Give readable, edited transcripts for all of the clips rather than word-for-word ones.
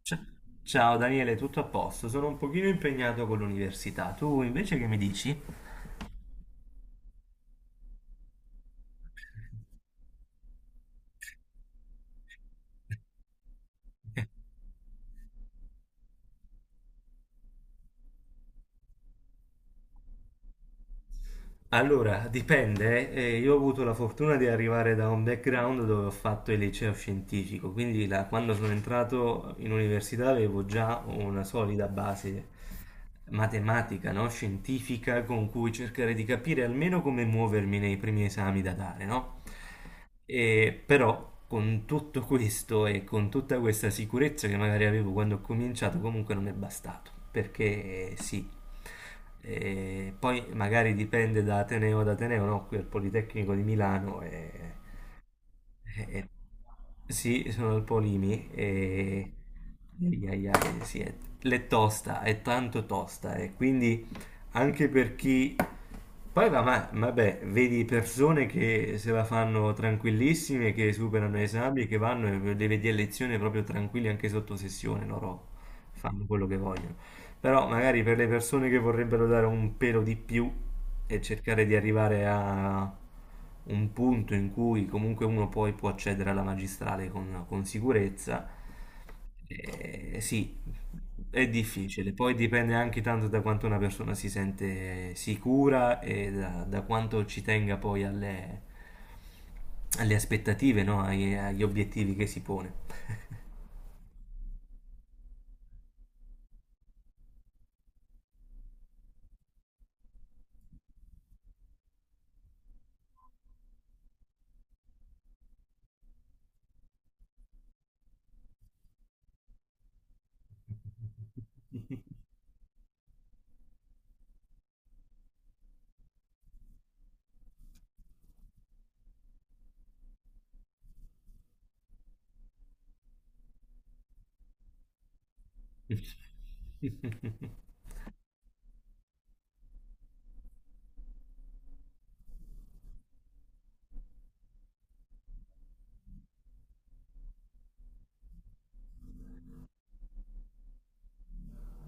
Ci- Ciao Daniele, tutto a posto? Sono un pochino impegnato con l'università. Tu invece che mi dici? Allora, dipende, io ho avuto la fortuna di arrivare da un background dove ho fatto il liceo scientifico, quindi quando sono entrato in università avevo già una solida base matematica, no? Scientifica con cui cercare di capire almeno come muovermi nei primi esami da dare, no? E però con tutto questo e con tutta questa sicurezza che magari avevo quando ho cominciato, comunque non è bastato, perché sì. E poi magari dipende da Ateneo ad Ateneo, no? Qui al Politecnico di Milano e, e- sì, sono al Polimi e ai ai ai, sì, è, l'è tosta, è tanto tosta e quindi anche per chi poi va, ma, vabbè, vedi persone che se la fanno tranquillissime, che superano gli esami, che vanno e le vedi a lezione proprio tranquilli anche sotto sessione, loro fanno quello che vogliono. Però magari per le persone che vorrebbero dare un pelo di più e cercare di arrivare a un punto in cui comunque uno poi può accedere alla magistrale con sicurezza, sì, è difficile. Poi dipende anche tanto da quanto una persona si sente sicura e da, da quanto ci tenga poi alle, alle aspettative, no? Agli obiettivi che si pone.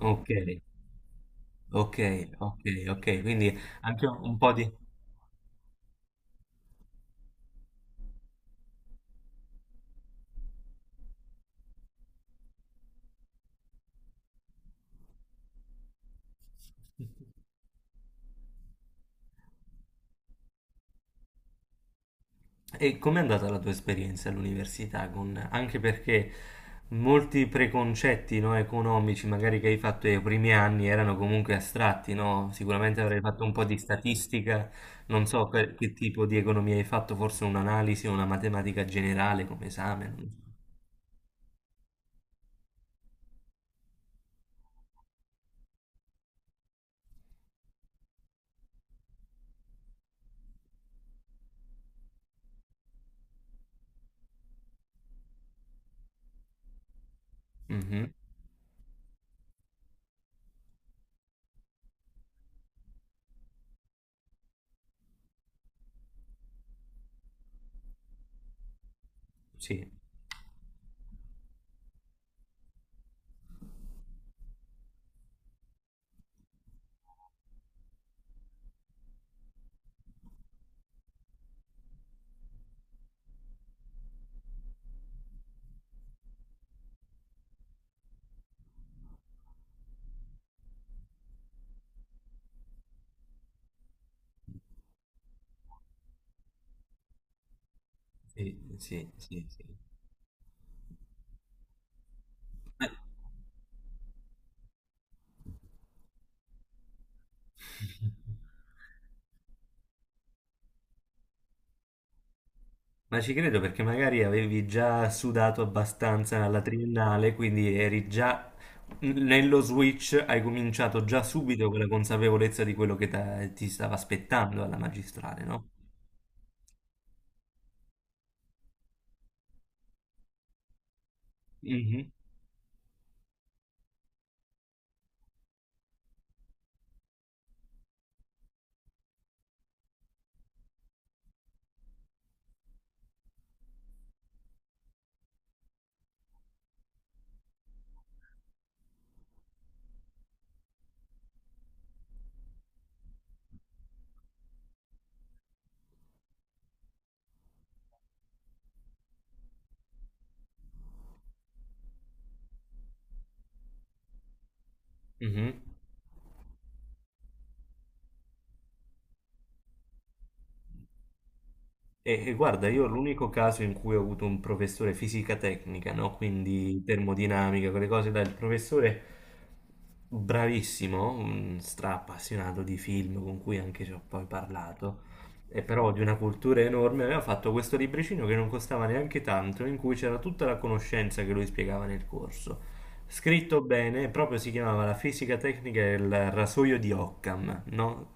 Ok, ok, ok, ok, quindi anche un po' di... E com'è andata la tua esperienza all'università? Con... Anche perché molti preconcetti, no, economici, magari che hai fatto nei primi anni, erano comunque astratti, no? Sicuramente avrei fatto un po' di statistica, non so per che tipo di economia hai fatto, forse un'analisi o una matematica generale come esame. Non so. Mhm. Sì, sì, sì, sì, sì. Ma ci credo perché magari avevi già sudato abbastanza alla triennale, quindi eri già nello switch, hai cominciato già subito con la consapevolezza di quello che ti stava aspettando alla magistrale, no? Mhm, mhm. E guarda, io l'unico caso in cui ho avuto un professore fisica tecnica, no? Quindi termodinamica, quelle cose, dai, il professore bravissimo, un stra appassionato di film con cui anche ci ho poi parlato. E però di una cultura enorme, aveva fatto questo libricino che non costava neanche tanto, in cui c'era tutta la conoscenza che lui spiegava nel corso. Scritto bene, proprio si chiamava La fisica tecnica e il rasoio di Occam, no?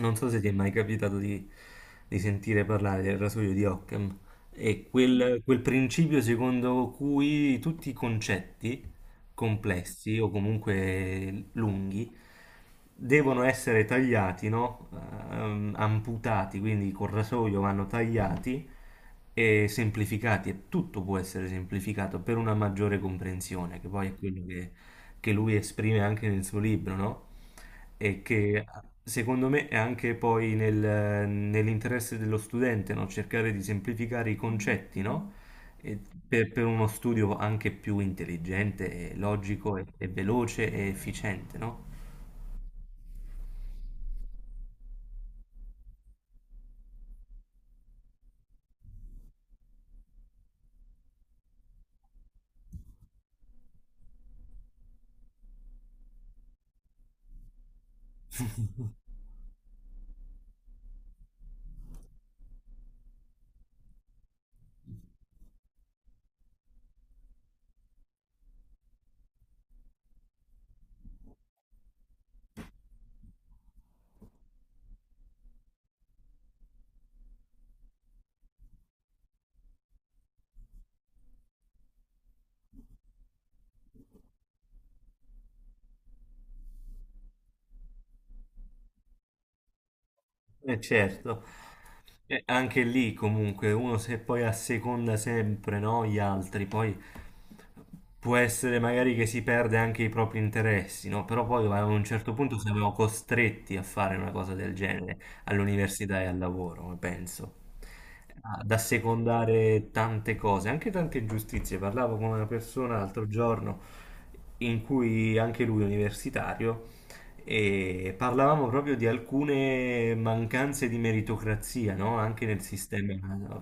Non so se ti è mai capitato di sentire parlare del rasoio di Occam. È quel, quel principio secondo cui tutti i concetti complessi o comunque lunghi devono essere tagliati, no? Amputati, quindi col rasoio vanno tagliati e semplificati e tutto può essere semplificato per una maggiore comprensione, che poi è quello che lui esprime anche nel suo libro, no? E che secondo me è anche poi nell'interesse dello studente, no? Cercare di semplificare i concetti, no? E per uno studio anche più intelligente, e logico e veloce e efficiente, no? Certo, e anche lì comunque uno se poi asseconda sempre no, gli altri, poi può essere magari che si perde anche i propri interessi, no? Però poi a un certo punto siamo costretti a fare una cosa del genere all'università e al lavoro, penso, ad assecondare tante cose, anche tante ingiustizie. Parlavo con una persona l'altro giorno in cui anche lui è universitario e parlavamo proprio di alcune mancanze di meritocrazia, no? Anche nel sistema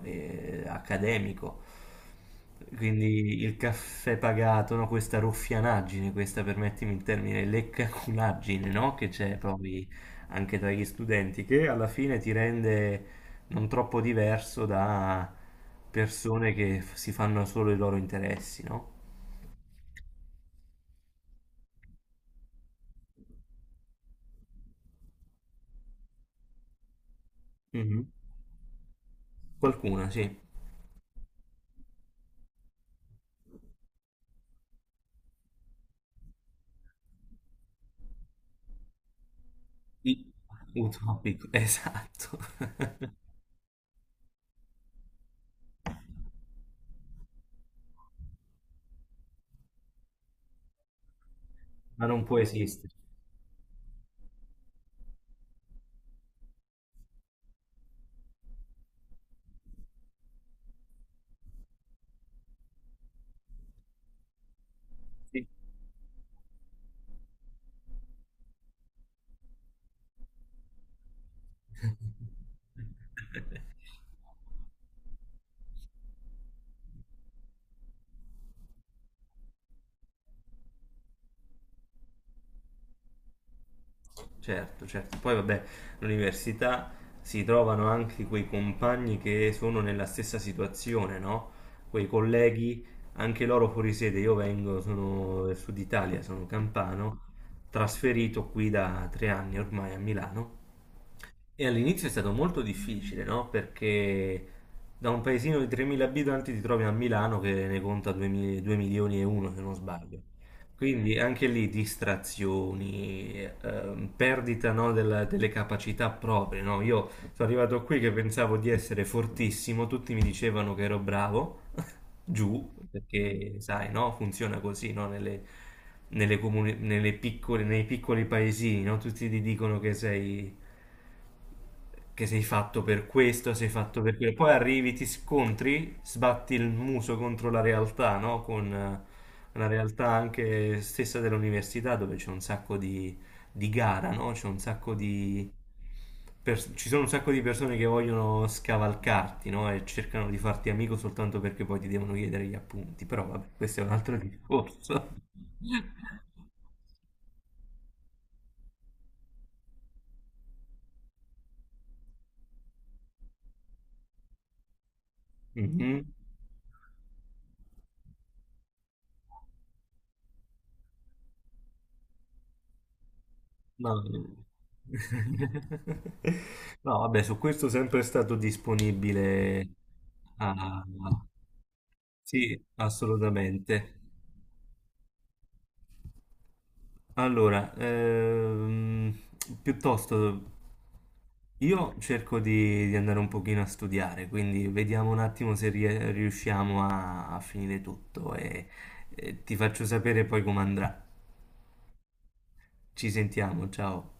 accademico. Quindi il caffè pagato, no? Questa ruffianaggine, questa, permettimi il termine, leccaculaggine, no? Che c'è poi anche tra gli studenti, che alla fine ti rende non troppo diverso da persone che si fanno solo i loro interessi, no? Mhm. Qualcuna, sì. Sì, utopico, esatto. Ma non può esistere. Sì. Certo, certo. Poi vabbè, all'università si trovano anche quei compagni che sono nella stessa situazione, no? Quei colleghi, anche loro fuori sede. Io vengo, sono del sud Italia, sono campano, trasferito qui da 3 anni ormai a Milano. E all'inizio è stato molto difficile, no? Perché da un paesino di 3.000 abitanti ti trovi a Milano che ne conta 2 milioni e uno, se non sbaglio. Quindi anche lì distrazioni, perdita, no, delle capacità proprie, no? Io sono arrivato qui che pensavo di essere fortissimo, tutti mi dicevano che ero bravo, giù, perché sai, no? Funziona così, no? Nelle, nei piccoli paesini, no? Tutti ti dicono che sei fatto per questo, sei fatto per quello. Poi arrivi, ti scontri, sbatti il muso contro la realtà, no? Con la realtà anche stessa dell'università, dove c'è un sacco di gara, no? C'è un sacco di ci sono un sacco di persone che vogliono scavalcarti, no? E cercano di farti amico soltanto perché poi ti devono chiedere gli appunti. Però vabbè, questo è un altro discorso. Mhm. No, no, no, vabbè, su questo sempre è stato disponibile. a- Sì, assolutamente. Allora, piuttosto io cerco di andare un pochino a studiare, quindi vediamo un attimo se riusciamo a, a finire tutto e ti faccio sapere poi come andrà. Ci sentiamo, ciao.